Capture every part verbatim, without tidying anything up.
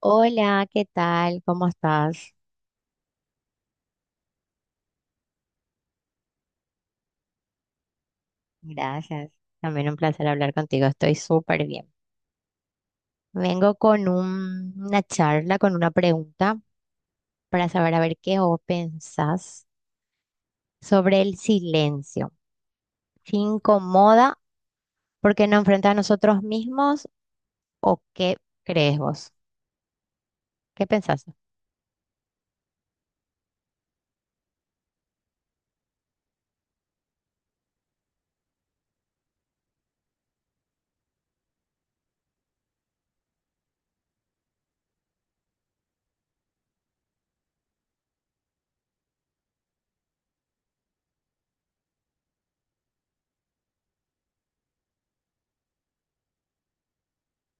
Hola, ¿qué tal? ¿Cómo estás? Gracias. También un placer hablar contigo. Estoy súper bien. Vengo con un- una charla, con una pregunta para saber a ver qué vos pensás sobre el silencio. ¿Se incomoda porque nos enfrenta a nosotros mismos o qué crees vos? ¿Qué pensás?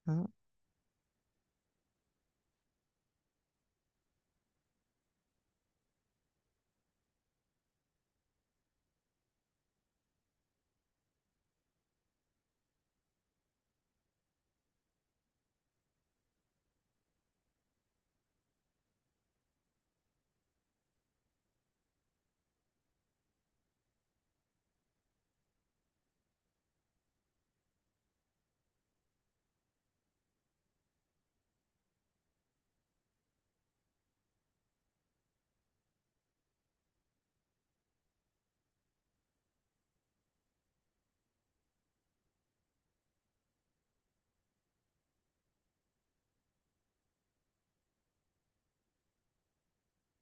Mm,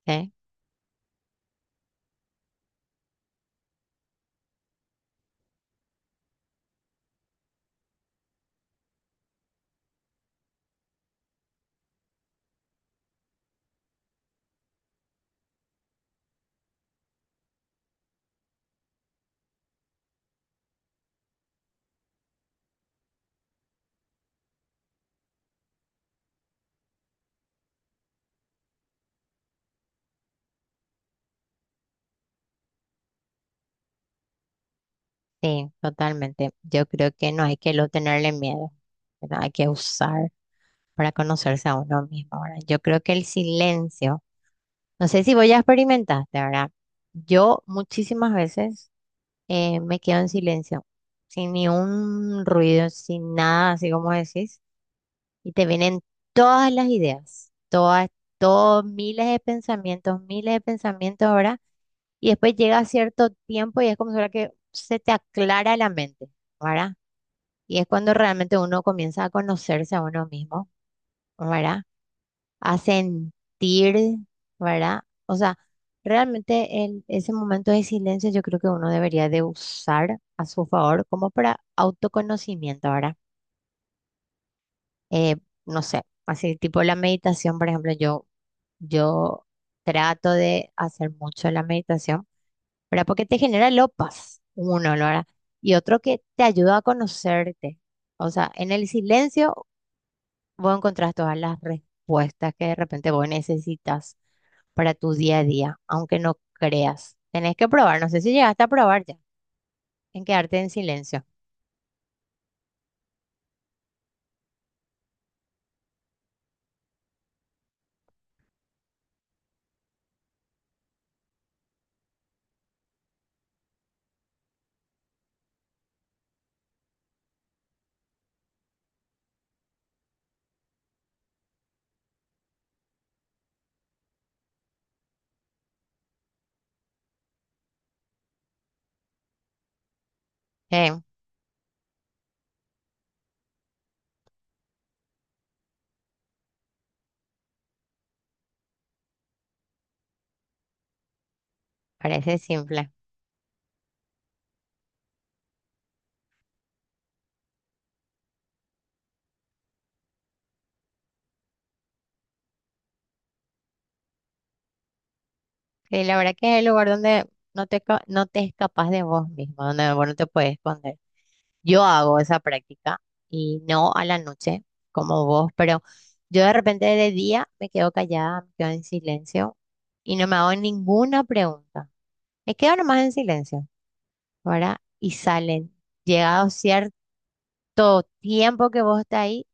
¿eh? Sí, totalmente. Yo creo que no hay que lo tenerle miedo, ¿verdad? Hay que usar para conocerse a uno mismo. Ahora, yo creo que el silencio. No sé si vos ya experimentaste, ¿verdad? Yo muchísimas veces eh, me quedo en silencio, sin ni un ruido, sin nada, así como decís, y te vienen todas las ideas, todas, todos miles de pensamientos, miles de pensamientos, ¿verdad? Y después llega cierto tiempo y es como si fuera que se te aclara la mente, ¿verdad? Y es cuando realmente uno comienza a conocerse a uno mismo, ¿verdad? A sentir, ¿verdad? O sea, realmente el, ese momento de silencio yo creo que uno debería de usar a su favor como para autoconocimiento, ¿verdad? Eh, no sé, así tipo la meditación, por ejemplo, yo, yo trato de hacer mucho la meditación, ¿verdad? Porque te genera lo paz, uno, ¿no? ¿Verdad? Y otro que te ayuda a conocerte. O sea, en el silencio vos encontrás todas las respuestas que de repente vos necesitas para tu día a día, aunque no creas. Tenés que probar, no sé si llegaste a probar ya, en quedarte en silencio. Eh, parece simple. Sí, la verdad que es el lugar donde no te, ca- no te escapas de vos mismo, donde vos no te puedes esconder. Yo hago esa práctica y no a la noche como vos, pero yo de repente de día me quedo callada, me quedo en silencio y no me hago ninguna pregunta. Me quedo nomás en silencio, ¿verdad? Y salen, llegado cierto tiempo que vos estás ahí,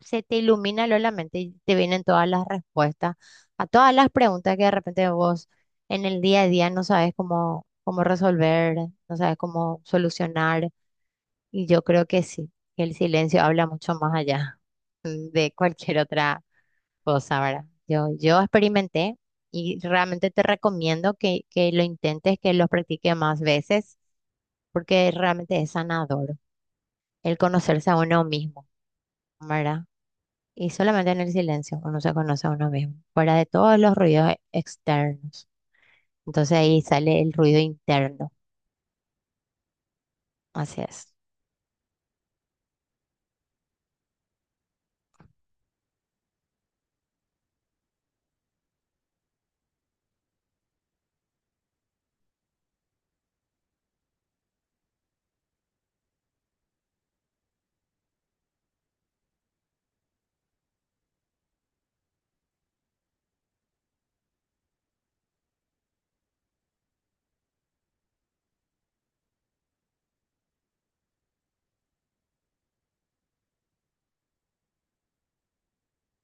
se te ilumina lo la mente y te vienen todas las respuestas a todas las preguntas que de repente vos en el día a día no sabes cómo, cómo resolver, no sabes cómo solucionar. Y yo creo que sí, que el silencio habla mucho más allá de cualquier otra cosa, ¿verdad? Yo, yo experimenté y realmente te recomiendo que, que lo intentes, que lo practiques más veces, porque realmente es sanador el conocerse a uno mismo, ¿verdad? Y solamente en el silencio uno se conoce a uno mismo, fuera de todos los ruidos externos. Entonces ahí sale el ruido interno. Así es.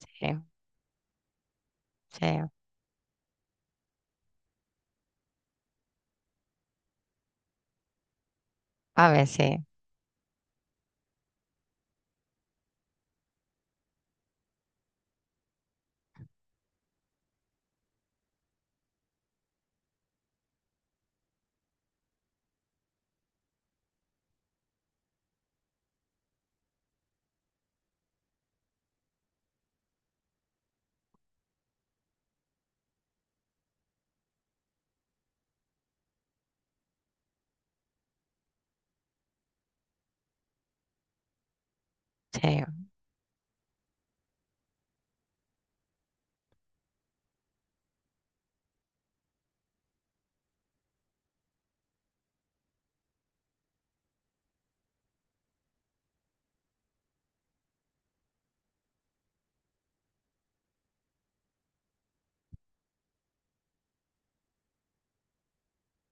Sí, sí. A veces, sí, sí,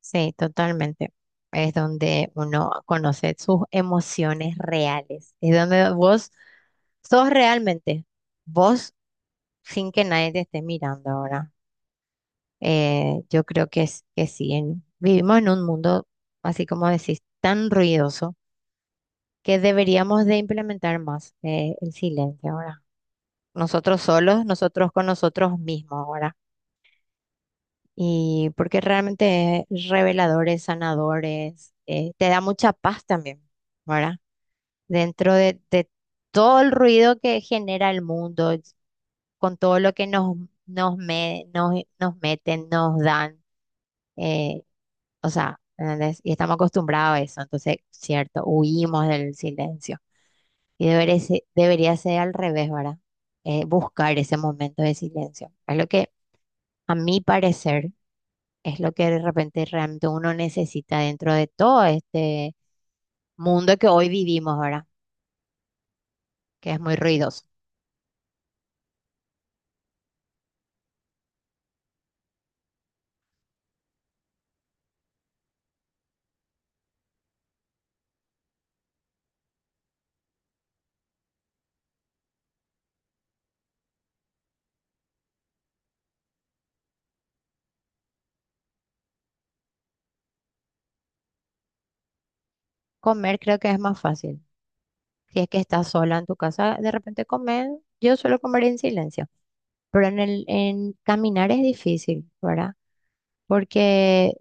sí, totalmente. Es donde uno conoce sus emociones reales. Es donde vos sos realmente vos sin que nadie te esté mirando ahora. Eh, yo creo que, es- que sí, en- vivimos en un mundo, así como decís, tan ruidoso que deberíamos de implementar más eh, el silencio ahora. Nosotros solos, nosotros con nosotros mismos ahora. Y porque realmente es revelador, es sanador, es, eh, te da mucha paz también, ¿verdad? Dentro de, de todo el ruido que genera el mundo, con todo lo que nos, nos, me- nos, nos meten, nos dan, eh, o sea, ¿entendés? Y estamos acostumbrados a eso, entonces, cierto, huimos del silencio. Y debería, se- debería ser al revés, ¿verdad? Eh, buscar ese momento de silencio. Es lo que, a mi parecer, es lo que de repente realmente uno necesita dentro de todo este mundo que hoy vivimos, ¿verdad? Que es muy ruidoso. Comer creo que es más fácil. Si es que estás sola en tu casa, de repente comer, yo suelo comer en silencio, pero en el, en caminar es difícil, ¿verdad? Porque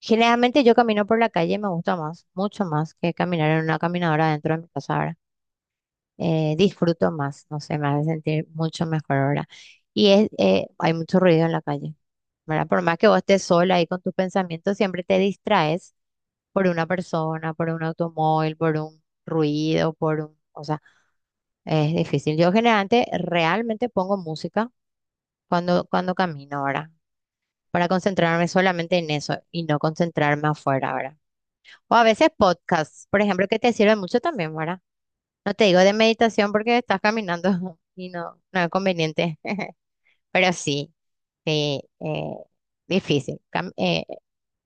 generalmente yo camino por la calle y me gusta más, mucho más que caminar en una caminadora dentro de mi casa, ¿verdad? eh, disfruto más, no sé, me hace sentir mucho mejor ahora. Y es, eh, hay mucho ruido en la calle, ¿verdad? Por más que vos estés sola ahí con tus pensamientos, siempre te distraes por una persona, por un automóvil, por un ruido, por un... O sea, es difícil. Yo generalmente realmente pongo música cuando, cuando camino ahora, para concentrarme solamente en eso y no concentrarme afuera ahora. O a veces podcasts, por ejemplo, que te sirven mucho también, ¿verdad? No te digo de meditación porque estás caminando y no, no es conveniente, pero sí, sí, eh, difícil. Cam- eh,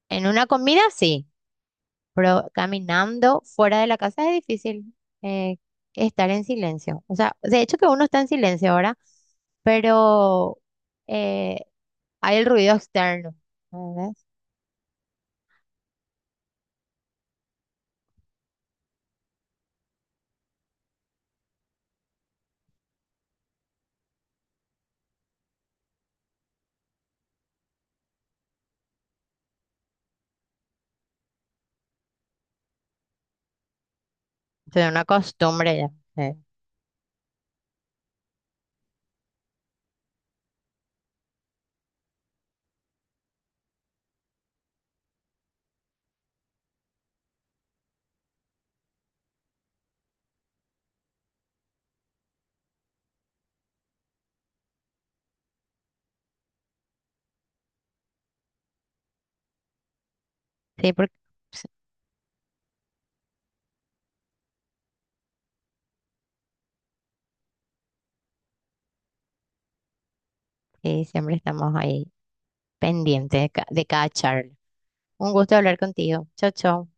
En una comida sí, pero caminando fuera de la casa es difícil eh, estar en silencio. O sea, de hecho que uno está en silencio ahora, pero eh, hay el ruido externo, ¿entendés? Entonces, es una costumbre ya. Eh. Sí, porque sí, sí, siempre estamos ahí pendientes de ca- de cada charla. Un gusto hablar contigo. Chao, chao.